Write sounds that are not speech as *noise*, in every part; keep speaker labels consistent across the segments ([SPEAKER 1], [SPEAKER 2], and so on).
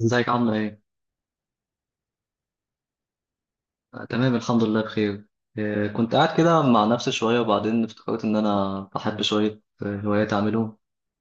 [SPEAKER 1] ازيك عاملة ايه؟ تمام الحمد لله بخير. كنت قاعد كده مع نفسي شوية، وبعدين افتكرت إن أنا بحب شوية هوايات أعملهم،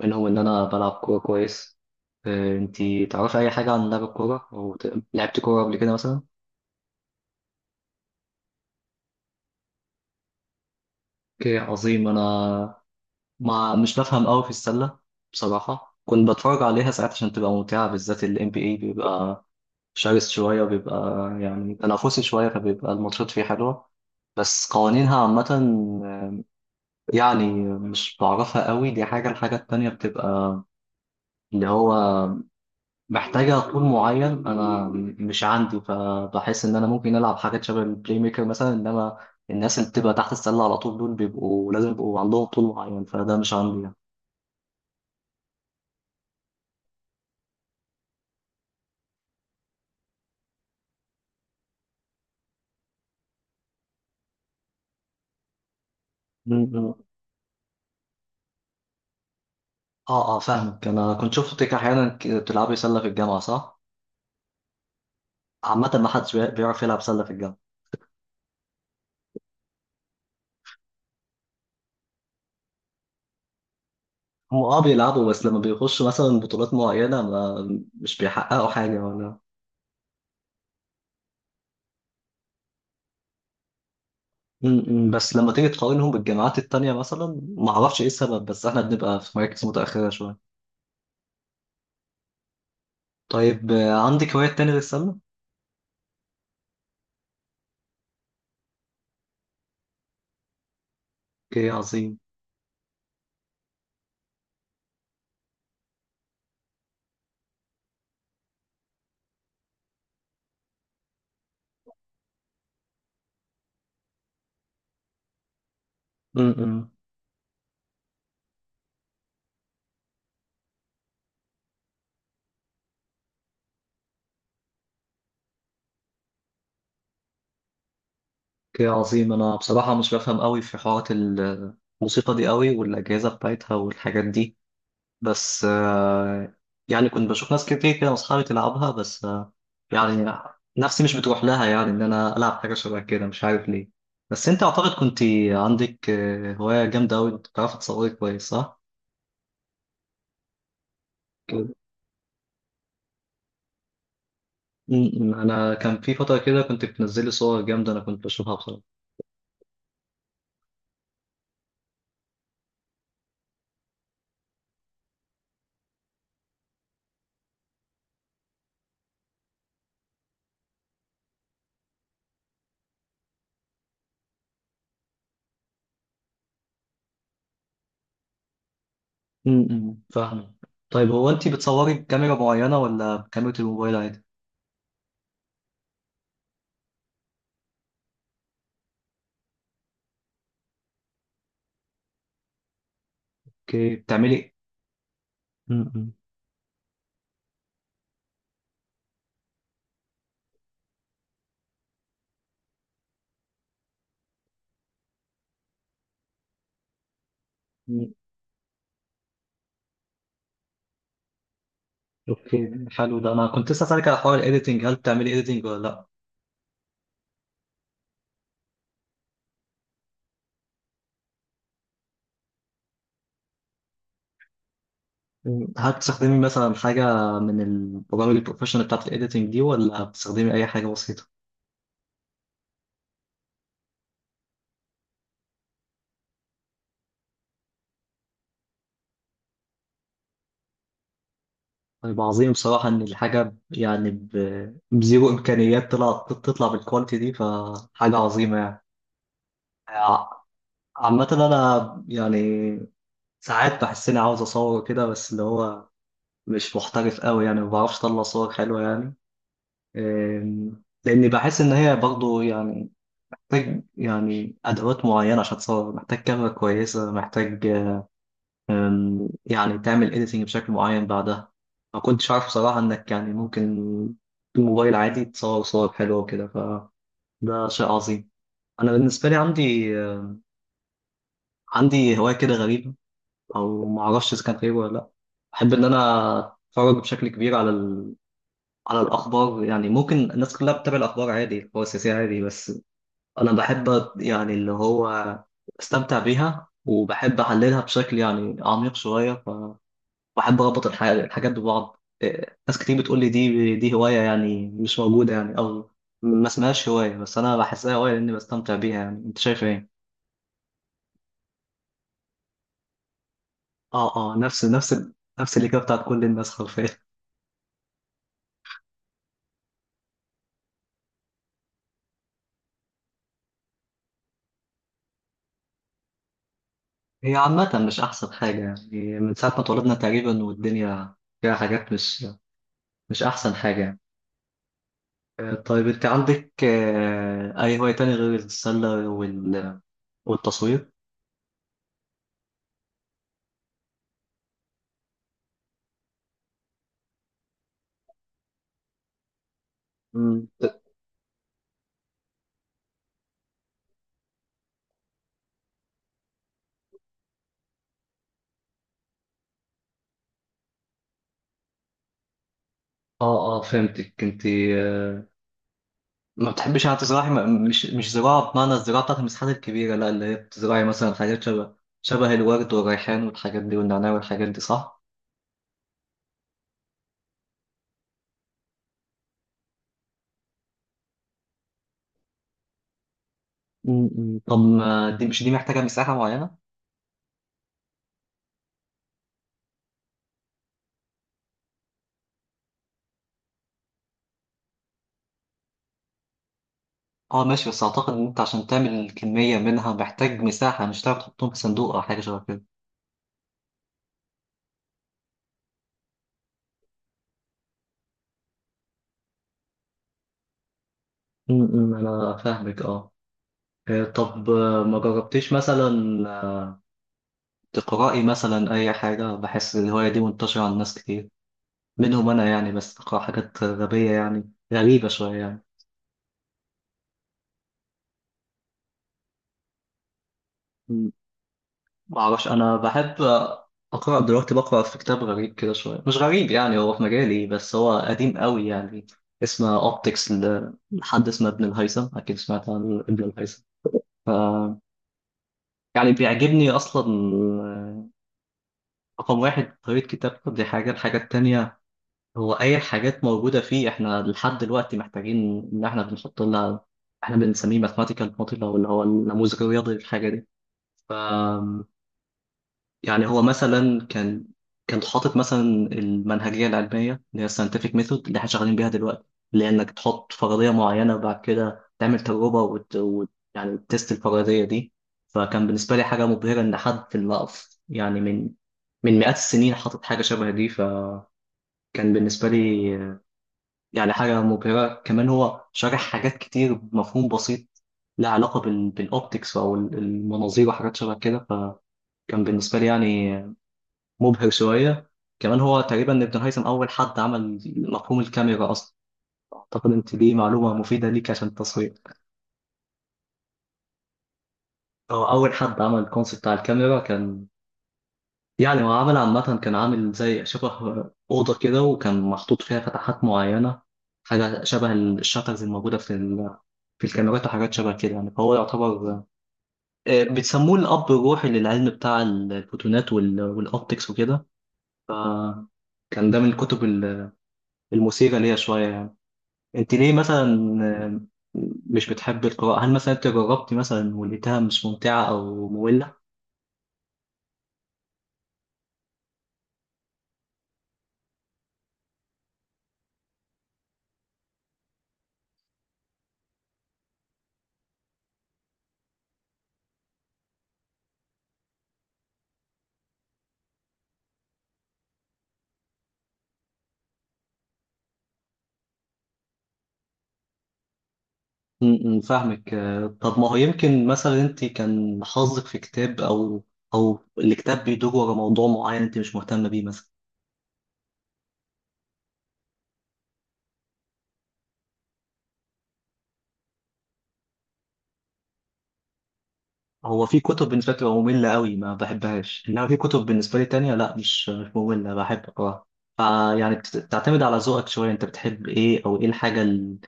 [SPEAKER 1] منهم إن أنا بلعب كورة كويس. انتي تعرفي أي حاجة عن لعب الكورة؟ أو لعبتي كورة قبل كده مثلا؟ اوكي عظيم. أنا مش بفهم أوي في السلة، بصراحة كنت بتفرج عليها ساعات عشان تبقى ممتعة، بالذات ال NBA بيبقى شرس شوية، وبيبقى يعني تنافسي شوية، فبيبقى الماتشات فيه حلوة. بس قوانينها عامة يعني مش بعرفها قوي، دي حاجة. الحاجة التانية بتبقى اللي هو محتاجة طول معين، أنا مش عندي، فبحس إن أنا ممكن ألعب حاجات شبه البلاي ميكر مثلا، إنما الناس اللي بتبقى تحت السلة على طول دول بيبقوا لازم يبقوا عندهم طول معين، فده مش عندي يعني. م. آه، آه، فاهمك، أنا كنت شفتك أحيانا بتلعبي سلة في الجامعة، صح؟ عامة ما حدش بيعرف يلعب سلة في الجامعة. هم آه بيلعبوا، بس لما بيخشوا مثلا بطولات معينة ما مش بيحققوا حاجة. م- م، بس لما تيجي تقارنهم بالجامعات التانية مثلا ما اعرفش ايه السبب، بس احنا بنبقى في مراكز متأخرة شوية. طيب عندك هوايات تانية غير السلة؟ اوكي عظيم. امم اوكي عظيم، انا بصراحة مش بفهم قوي في حوارات الموسيقى دي قوي والأجهزة بتاعتها والحاجات دي، بس يعني كنت بشوف ناس كتير كده واصحابي تلعبها، بس يعني نفسي مش بتروح لها، يعني ان انا العب حاجة شبه كده مش عارف ليه. بس انت اعتقد كنت عندك هواية جامدة قوي، بتعرفي تصوري كويس، صح؟ كده. م. انا كان في فتره كده كنت بتنزلي صور جامده، انا كنت بشوفها بصراحه. امم، فاهمه. طيب هو انت بتصوري بكاميرا معينه ولا بكاميرا الموبايل عادي؟ اوكي، بتعملي ايه؟ امم. م. اوكي، حلو ده، انا كنت لسه اسالك على حوار الايديتنج، هل بتعملي ايديتنج ولا لا؟ مم. هل بتستخدمي مثلا حاجه من البرامج البروفيشنال بتاعت الايديتنج دي، ولا بتستخدمي اي حاجه بسيطه؟ طيب عظيم، بصراحه ان الحاجه يعني بزيرو امكانيات طلعت تطلع بالكواليتي دي فحاجه عظيمه يعني. عامة أنا يعني ساعات بحس إني عاوز أصور كده، بس اللي هو مش محترف قوي يعني، ما بعرفش أطلع صور حلوة يعني. لأني بحس إن هي برضو يعني محتاج يعني أدوات معينة عشان تصور، محتاج كاميرا كويسة، محتاج يعني تعمل إيديتنج بشكل معين بعدها. ما كنتش عارف بصراحة إنك يعني ممكن بالموبايل عادي تصور صور حلوة وكده، فده شيء عظيم. أنا بالنسبة لي عندي هواية كده غريبة، او ما اعرفش اذا كان خير ولا لا. احب ان انا اتفرج بشكل كبير على على الاخبار، يعني ممكن الناس كلها بتتابع الاخبار عادي، الاخبار السياسيه عادي، بس انا بحب يعني اللي هو استمتع بيها، وبحب احللها بشكل يعني عميق شويه. فبحب اربط الحاجات ببعض. إيه، ناس كتير بتقول لي دي هوايه يعني مش موجوده يعني، او ما اسمهاش هوايه، بس انا بحسها هوايه لاني بستمتع بيها، يعني انت شايف ايه؟ اه، اه، نفس الاجابه بتاعت كل الناس حرفيا. هي عامة مش أحسن حاجة، يعني من ساعة ما اتولدنا تقريبا والدنيا فيها حاجات مش أحسن حاجة يعني. طيب أنت عندك أي هواية تانية غير السلة والتصوير؟ مم. اه، اه، فهمتك. أنت آه، ما بتحبيش يعني تزرعي، مش زراعة بمعنى الزراعة بتاعت المساحات الكبيرة، لا اللي هي بتزرعي مثلا حاجات شبه الورد والريحان والحاجات دي والنعناع والحاجات دي، صح؟ مم. طب ما دي مش دي محتاجة مساحة معينة؟ اه ماشي، بس اعتقد ان انت عشان تعمل كمية منها محتاج مساحة، مش هتعرف تحطهم في صندوق او حاجة شبه كده. امم، انا فاهمك، اه. طب ما جربتيش مثلا آه، تقرأي مثلا اي حاجة؟ بحس الهواية دي منتشرة عند ناس كتير، منهم انا يعني، بس بقرأ حاجات غبية يعني غريبة شوية يعني. مم. ما اعرفش، انا بحب اقرأ. دلوقتي بقرأ في كتاب غريب كده شوية، مش غريب يعني، هو في مجالي، بس هو قديم قوي يعني. اسمه اوبتكس، لحد اسمه ابن الهيثم، اكيد سمعت عن ابن الهيثم. ف يعني بيعجبني اصلا، آه، رقم واحد طريقه كتابته، دي حاجه. الحاجه التانيه هو اي حاجات موجوده فيه احنا لحد دلوقتي محتاجين ان احنا بنحط لها، احنا بنسميه ماثماتيكال موديل او اللي هو النموذج الرياضي للحاجه دي. يعني هو مثلا كان حاطط مثلا المنهجية العلمية اللي هي scientific method اللي احنا شغالين بيها دلوقتي، اللي هي انك تحط فرضية معينة وبعد كده تعمل تجربة يعني تست الفرضية دي. فكان بالنسبة لي حاجة مبهرة، إن حد في المقف يعني من مئات السنين حاطط حاجة شبه دي، فكان بالنسبة لي يعني حاجة مبهرة. كمان هو شارح حاجات كتير بمفهوم بسيط، لها علاقة بالأوبتكس أو المناظير وحاجات شبه كده، فكان بالنسبة لي يعني مبهر شوية. كمان هو تقريبا ابن هيثم أول حد عمل مفهوم الكاميرا أصلا، أعتقد أنت دي معلومة مفيدة ليك عشان التصوير. هو أول حد عمل الكونسيبت بتاع الكاميرا، كان يعني هو عمل عامة كان عامل زي شبه أوضة كده، وكان محطوط فيها فتحات معينة، حاجة شبه الشاترز الموجودة في الكاميرات وحاجات شبه كده يعني. فهو يعتبر بيسموه الأب الروحي للعلم بتاع الفوتونات والأوبتكس وكده. فكان ده من الكتب المثيرة ليا شوية يعني. انت ليه مثلا مش بتحب القراءة؟ هل مثلا انت جربتي مثلا ولقيتها مش ممتعة او مملة؟ م- م، فاهمك. طب ما هو يمكن مثلا انت كان حظك في كتاب، او الكتاب بيدور ورا موضوع معين انت مش مهتمة بيه مثلا. هو في كتب بالنسبة لي بتبقى مملة قوي ما بحبهاش، انما في كتب بالنسبة لي تانية لا، مش مملة بحب اقراها. فيعني بتعتمد على ذوقك شوية، انت بتحب ايه او ايه الحاجة اللي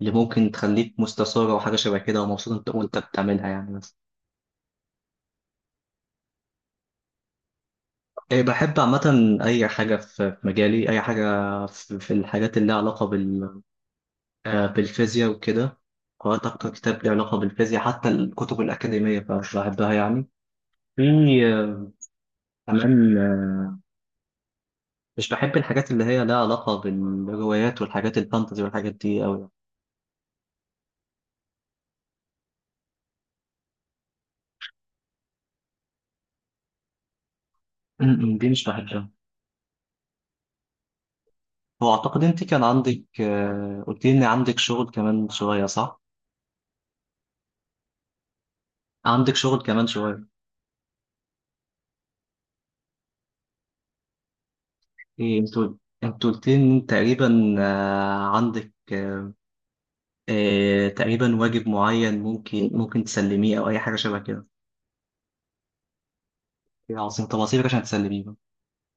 [SPEAKER 1] اللي ممكن تخليك مستثارة وحاجة شبه كده، ومبسوط انت وانت بتعملها يعني، مثلا؟ إيه، بحب عامة أي حاجة في مجالي، أي حاجة في الحاجات اللي لها علاقة بالفيزياء وكده. قرأت أكتر كتاب له علاقة بالفيزياء، حتى الكتب الأكاديمية فمش بحبها يعني. في آه، كمان مش بحب الحاجات اللي هي لها علاقة بالروايات والحاجات الفانتزي والحاجات دي أوي يعني. *clears throat* دي مش بحبها. هو أعتقد أنت كان عندك، قلت لي إن عندك شغل كمان شوية، صح؟ عندك شغل كمان شوية. إيه أنتوا؟ أنت قلت لي إن تقريبا عندك تقريبا واجب معين ممكن تسلميه او اي حاجه شبه كده. يا عظيم، طب اصيبك عشان تسلميه بقى.